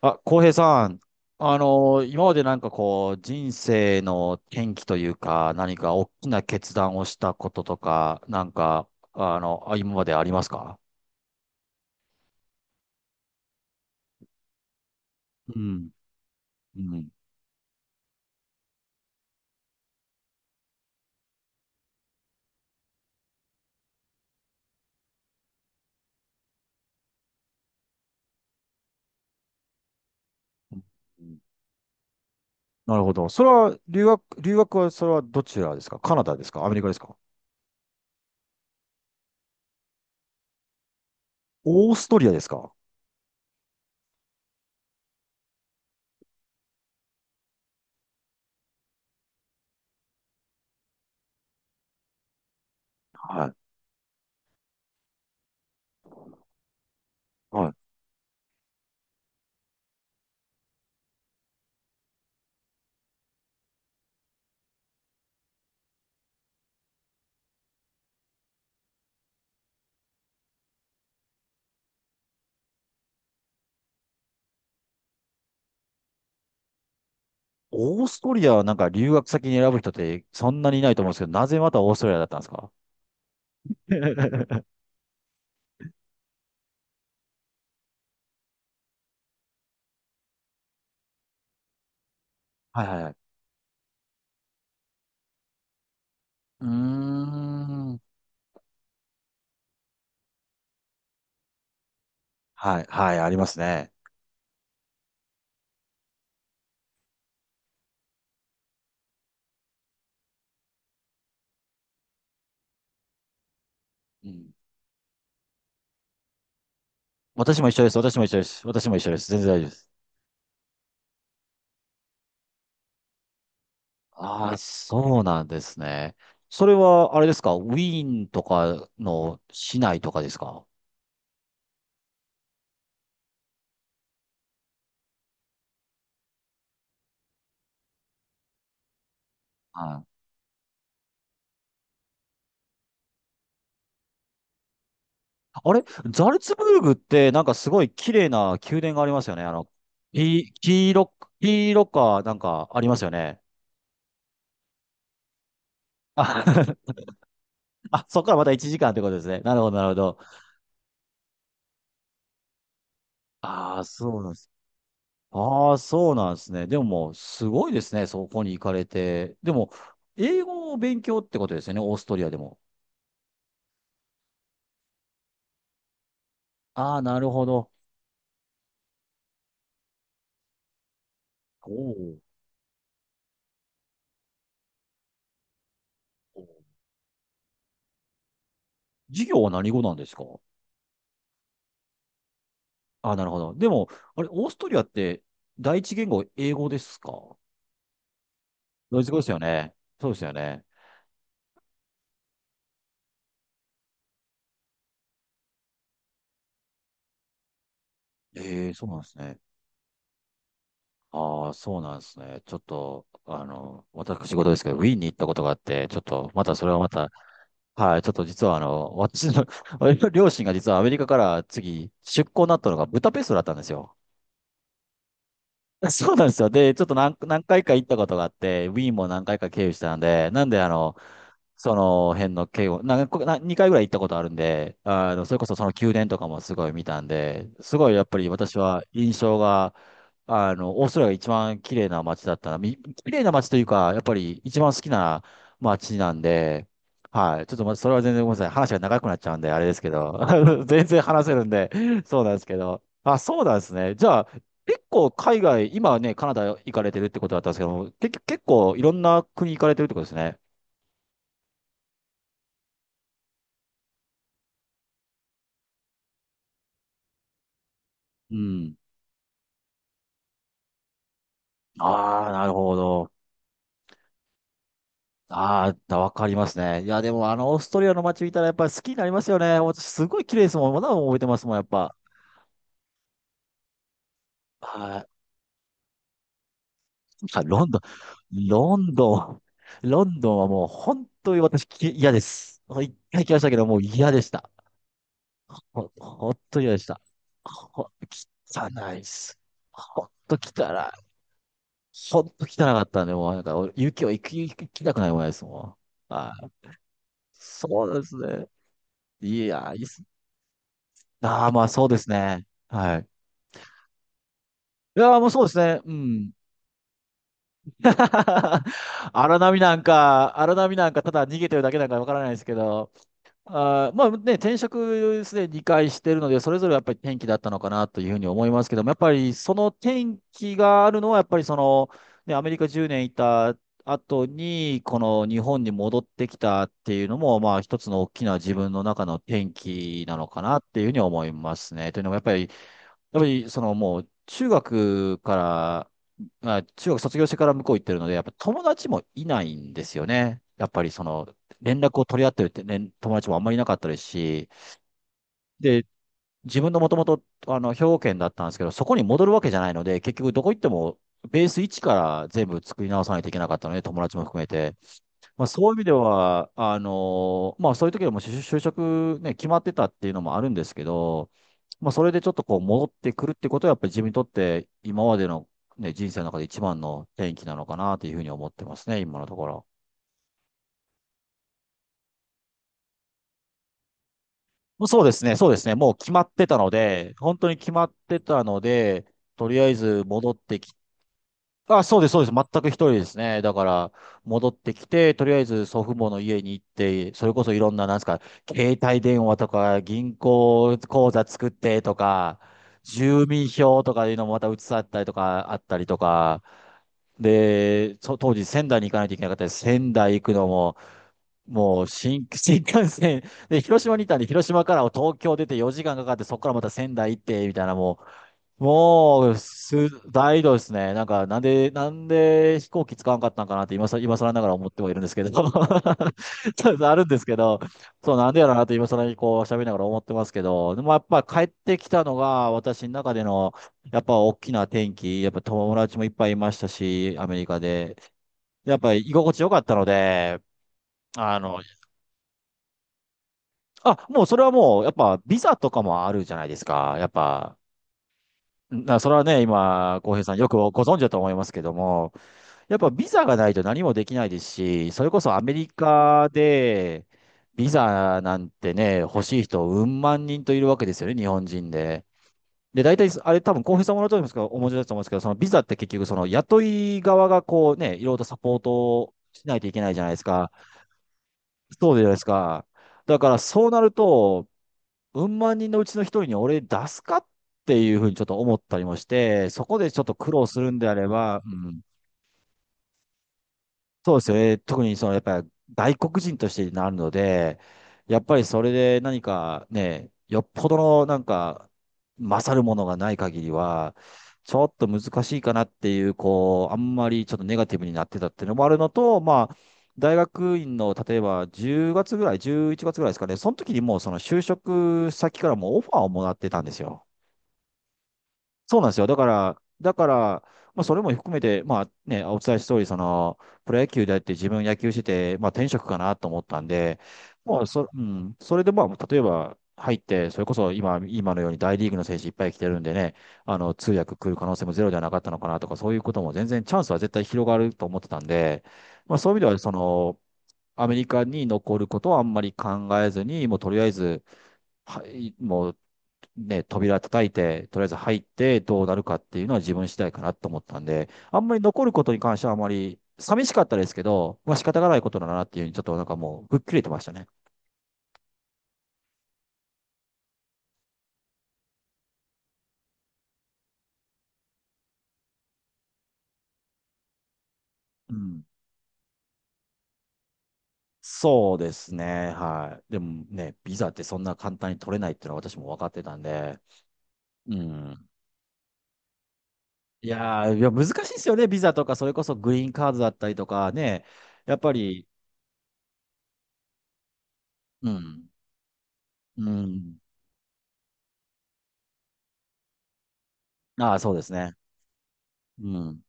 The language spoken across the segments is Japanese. あ、浩平さん、今まで人生の転機というか、何か大きな決断をしたこととか、あ今までありますか？うん。うん。うん。なるほど。それは、留学は、それはどちらですか？カナダですか？アメリカですか？オーストリアですか？はい。はい。オーストリアはなんか留学先に選ぶ人ってそんなにいないと思うんですけど、なぜまたオーストリアだったんですか？ はいはいはい。うーん。はい、はい、ありますね。うん。私も一緒です。私も一緒です。私も一緒です。全然大丈夫です。ああ、そうなんですね。それは、あれですか？ウィーンとかの市内とかですか？はい。あれ、ザルツブルグって、なんかすごい綺麗な宮殿がありますよね。あの、黄黄色、黄色か、なんかありますよね。あ、あ、そこからまた1時間ってことですね。なるほど、なるほど。ああ、そうなんです。ああ、そうなんですね。でももう、すごいですね。そこに行かれて。でも、英語を勉強ってことですよね。オーストリアでも。ああ、なるほど。お。ーお、授業は何語なんですか？ああー、なるほど。でも、あれ、オーストリアって第一言語英語ですか？ドイツ語ですよね。そうですよね。ええ、そうなんですね。ああ、そうなんですね。ちょっと、あの、私事ですけど、ウィーンに行ったことがあって、ちょっと、またそれはまた、はい、ちょっと実はあの、私の両親が実はアメリカから次、出向になったのがブダペストだったんですよ。そうなんですよ。で、ちょっと何回か行ったことがあって、ウィーンも何回か経由したんで、なんであの、その辺の経由、なんか、な2回ぐらい行ったことあるんで、あの、それこそその宮殿とかもすごい見たんで、すごいやっぱり私は印象が、あの、オーストラリアが一番綺麗な街だったな。綺麗な街というか、やっぱり一番好きな街なんで、はい。ちょっとま、それは全然ごめんなさい。話が長くなっちゃうんで、あれですけど。全然話せるんで、そうなんですけど。あ、そうなんですね。じゃあ、結構海外、今はね、カナダ行かれてるってことだったんですけども、結局結構いろんな国行かれてるってことですね。うん。ああ、なるほど。ああ、わかりますね。いや、でもあの、オーストリアの街見たらやっぱり好きになりますよね。私、すごい綺麗ですもん。まだ覚えてますもん、やっぱ。はい。ロンドン、ロンドンはもう本当に私嫌です。もう一回来ましたけど、もう嫌でした。ほんと嫌でした。ほ、汚いっす。ほんと汚い。ほんと汚かったんで、もうなんか、俺雪を行き、行きたくないもんですもん。はい。そうですね。いや、いいっす。ああ、まあそうですね。はい。いやー、もうそうですね。うん。荒波なんか、ただ逃げてるだけなんかわからないですけど、あー、まあね、転職すでに2してるので、それぞれやっぱり転機だったのかなというふうに思いますけども、やっぱりその転機があるのは、やっぱりその、ね、アメリカ10年いた後に、この日本に戻ってきたっていうのも、まあ一つの大きな自分の中の転機なのかなっていうふうに思いますね。というのも、やっぱり、そのもう、中学から、まあ、中学卒業してから向こう行ってるので、やっぱ友達もいないんですよね。やっぱりその、連絡を取り合ってるって、ね、友達もあんまりいなかったですし、で、自分のもともと、あの、兵庫県だったんですけど、そこに戻るわけじゃないので、結局どこ行っても、ベース1から全部作り直さないといけなかったので、友達も含めて。まあ、そういう意味では、まあ、そういう時はもう就職ね、決まってたっていうのもあるんですけど、まあ、それでちょっとこう戻ってくるってことは、やっぱり自分にとって今までの、ね、人生の中で一番の転機なのかなというふうに思ってますね、今のところ。もうそうですね、そうですね、もう決まってたので、本当に決まってたので、とりあえず戻ってき、あ、そうです、そうです。全く一人ですね。だから、戻ってきて、とりあえず祖父母の家に行って、それこそいろんな、なんですか、携帯電話とか、銀行口座作ってとか、住民票とかいうのもまた移さったりとか、あったりとか、で、当時仙台に行かないといけなかったです。仙台行くのも、もう新、新幹線、で、広島にいたんで、広島から東京出て4時間かかって、そこからまた仙台行って、みたいな、もう、もう、す、大移動ですね。なんか、なんで飛行機使わんかったんかなって今更ながら思ってはいるんですけど。あるんですけど、そう、なんでやろうなと今更にこう喋りながら思ってますけど、でもやっぱ帰ってきたのが私の中での、やっぱ大きな転機、やっぱ友達もいっぱいいましたし、アメリカで。やっぱり居心地良かったので、あの、あ、もうそれはもう、やっぱビザとかもあるじゃないですか。やっぱ、それはね、今、浩平さんよくご存知だと思いますけども、やっぱビザがないと何もできないですし、それこそアメリカで、ビザなんてね、欲しい人、うん万人といるわけですよね、日本人で。で、大体、あれ多分、浩平さんもらうと思いますけど、お持ちだと思うんですけど、そのビザって結局、その雇い側がこうね、いろいろとサポートをしないといけないじゃないですか。そうじゃないですか。だから、そうなると、うん万人のうちの一人に俺出すかっていうふうにちょっと思ったりもして、そこでちょっと苦労するんであれば、うん。そうですよね。特にそのやっぱり外国人としてなるので、やっぱりそれで何かね、よっぽどのなんか勝るものがない限りは、ちょっと難しいかなっていう、こう、あんまりちょっとネガティブになってたっていうのもあるのと、まあ、大学院の例えば10月ぐらい、11月ぐらいですかね、その時にもうその就職先からもうオファーをもらってたんですよ。そうなんですよ。だから、まあ、それも含めて、まあね、お伝えした通り、その、プロ野球であって自分野球してて、まあ転職かなと思ったんで、もうそ、うん、それでまあ、例えば入って、それこそ今のように大リーグの選手いっぱい来てるんでね、あの、通訳来る可能性もゼロではなかったのかなとか、そういうことも全然チャンスは絶対広がると思ってたんで、まあそういう意味では、その、アメリカに残ることはあんまり考えずに、もうとりあえず、はい、もうね、扉叩いて、とりあえず入ってどうなるかっていうのは自分次第かなと思ったんで、あんまり残ることに関してはあまり寂しかったですけど、まあ仕方がないことだなっていうふうにちょっとなんかもう吹っ切れてましたね。うん。そうですね。はい。でもね、ビザってそんな簡単に取れないっていうのは私も分かってたんで、うん。いやー、いや難しいですよね。ビザとか、それこそグリーンカードだったりとかね。やっぱり、うん。うん。ああ、そうですね。うん。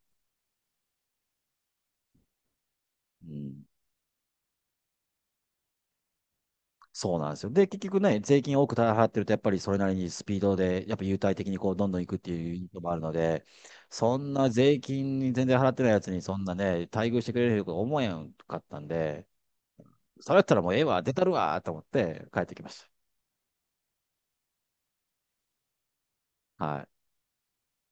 うん。そうなんですよ。で、結局ね、税金を多く払ってると、やっぱりそれなりにスピードで、やっぱ優待的にこう、どんどん行くっていうのもあるので、そんな税金に全然払ってないやつに、そんなね、待遇してくれると思えんかったんで、それやったらもうええわ、出たるわ、と思って帰ってきました。はい。